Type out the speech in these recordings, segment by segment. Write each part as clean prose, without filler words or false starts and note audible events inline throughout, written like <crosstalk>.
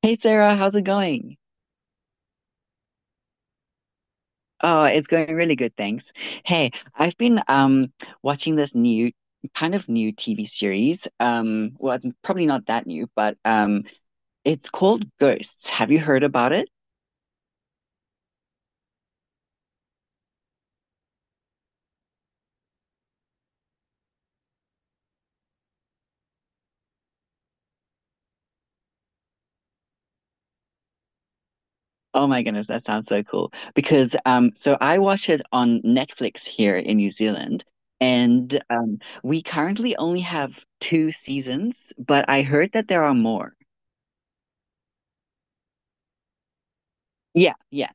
Hey Sarah, how's it going? Oh, it's going really good, thanks. Hey, I've been watching this new kind of new TV series. Well, it's probably not that new, but it's called Ghosts. Have you heard about it? Oh my goodness, that sounds so cool. Because so I watch it on Netflix here in New Zealand, and we currently only have two seasons, but I heard that there are more. Yeah, yeah.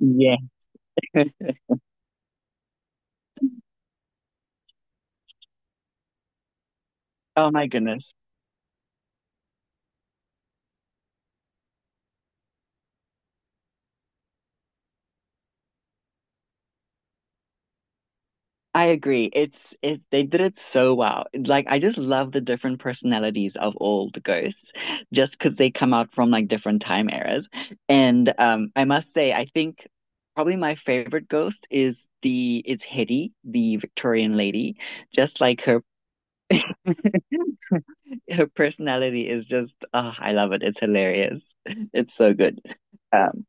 Yeah. <laughs> Oh my goodness. I agree. It's they did it so well. Like I just love the different personalities of all the ghosts, just because they come out from like different time eras. And I must say, I think probably my favorite ghost is the is Hetty, the Victorian lady. Just like her personality is just oh, I love it. It's hilarious. <laughs> It's so good. Um,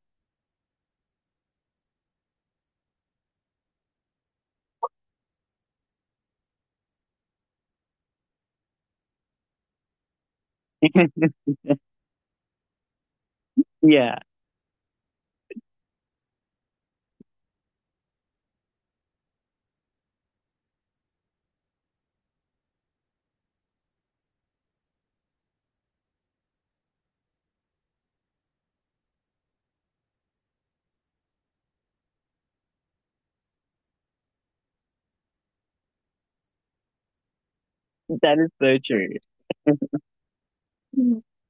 <laughs> yeah, that is so true. <laughs>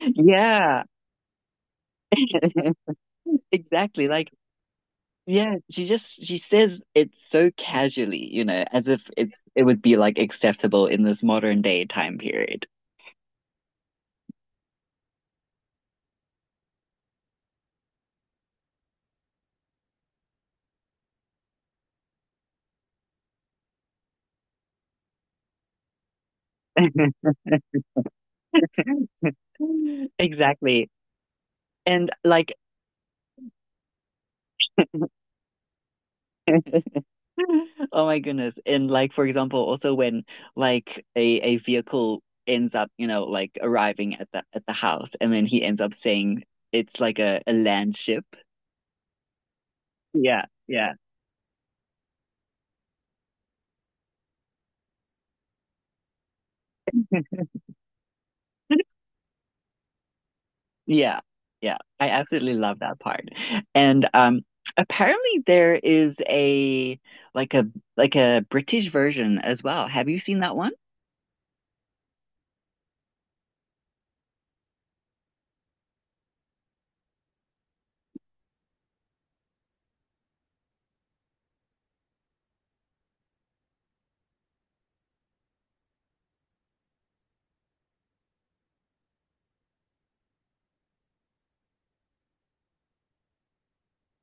Yeah. <laughs> Exactly. Like, yeah, she just she says it so casually, you know, as if it would be like acceptable in this modern day time period. <laughs> Exactly. And like, <laughs> oh my goodness. And like for example, also when like a vehicle ends up, you know, like arriving at the house and then he ends up saying it's like a land ship. Yeah, yeah. Yeah, yeah, I absolutely love that part. And apparently there is a like a like a British version as well. Have you seen that one?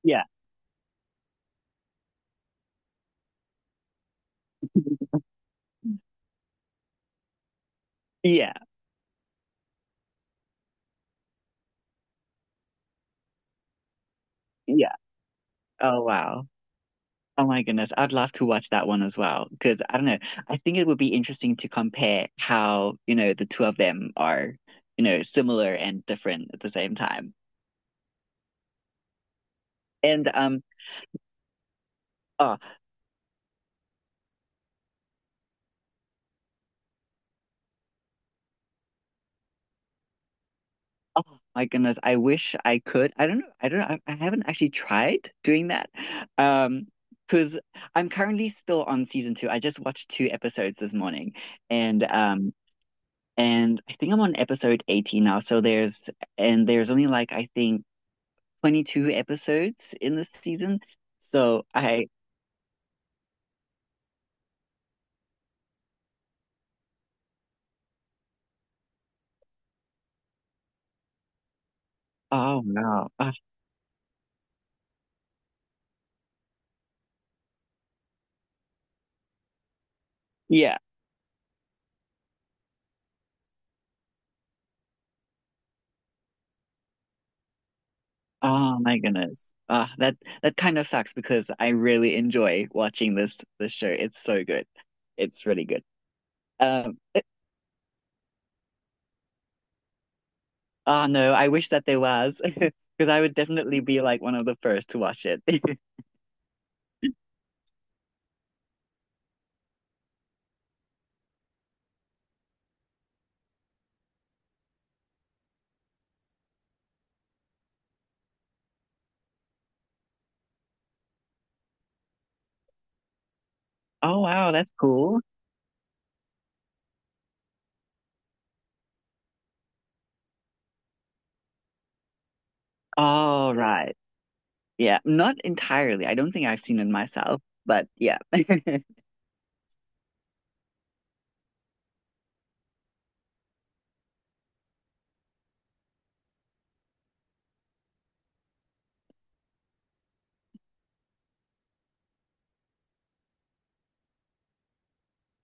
Yeah. <laughs> Yeah. Yeah. Oh wow. Oh my goodness. I'd love to watch that one as well because I don't know. I think it would be interesting to compare how, you know, the two of them are, you know, similar and different at the same time. And oh, oh my goodness, I wish I could. I don't know. I don't know. I haven't actually tried doing that. Um because I'm currently still on season two. I just watched two episodes this morning and um and I think I'm on episode 18 now. So there's only like I think 22 episodes in this season. So oh no, yeah, oh my goodness, that that kind of sucks because I really enjoy watching this show. It's so good, it's really good. Um, it, oh no, I wish that there was. <laughs> Because I would definitely be like one of the first to watch it. <laughs> Oh wow, that's cool. All right, yeah, not entirely. I don't think I've seen it myself, but yeah. <laughs>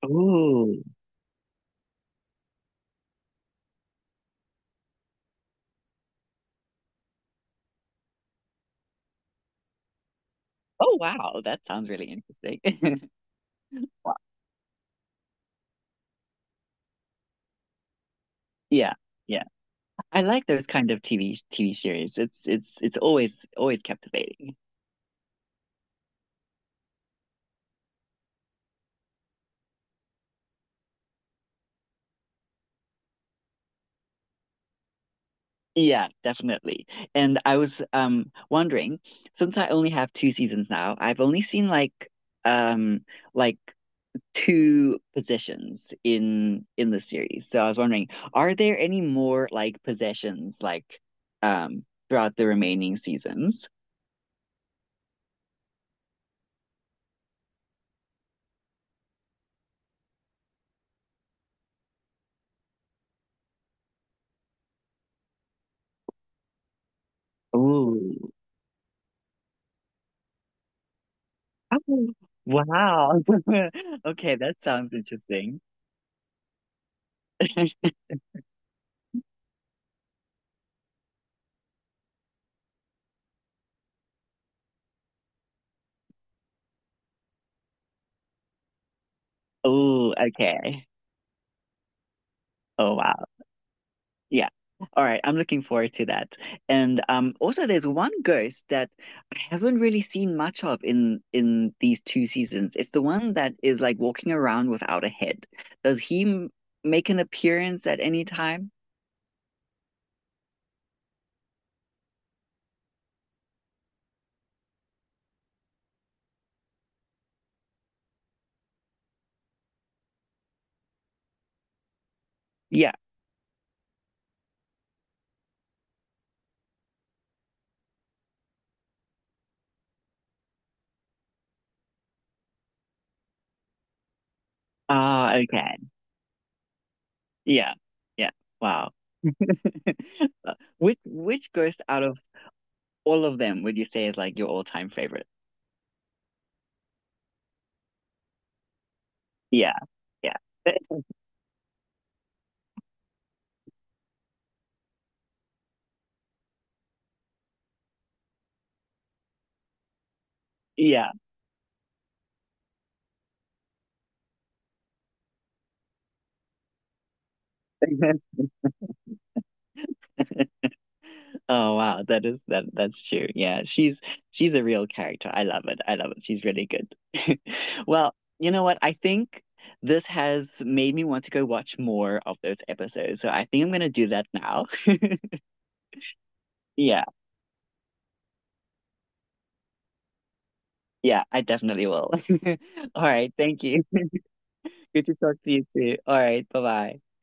Oh, oh wow, that sounds really interesting. <laughs> Yeah, yeah. I like those kind of TV series. It's always always captivating. Yeah, definitely. And I was wondering, since I only have two seasons now, I've only seen like, um like two positions in the series. So I was wondering, are there any more like possessions like, um throughout the remaining seasons? Ooh. Oh, wow. <laughs> Okay, that sounds interesting. <laughs> Oh, okay. Oh, wow. Yeah. All right. I'm looking forward to that. And also there's one ghost that I haven't really seen much of in these two seasons. It's the one that is like walking around without a head. Does he m make an appearance at any time? Yeah. Ah, okay. Yeah. Yeah. Wow. <laughs> Which ghost out of all of them would you say is like your all-time favorite? Yeah. Yeah. <laughs> Yeah. <laughs> Oh wow, that is that's true. Yeah, she's a real character. I love it. I love it. She's really good. <laughs> Well, you know what? I think this has made me want to go watch more of those episodes. So I think I'm gonna do that now. <laughs> Yeah, yeah, I definitely will. <laughs> All right, thank you. Good to talk to you too. All right, bye-bye.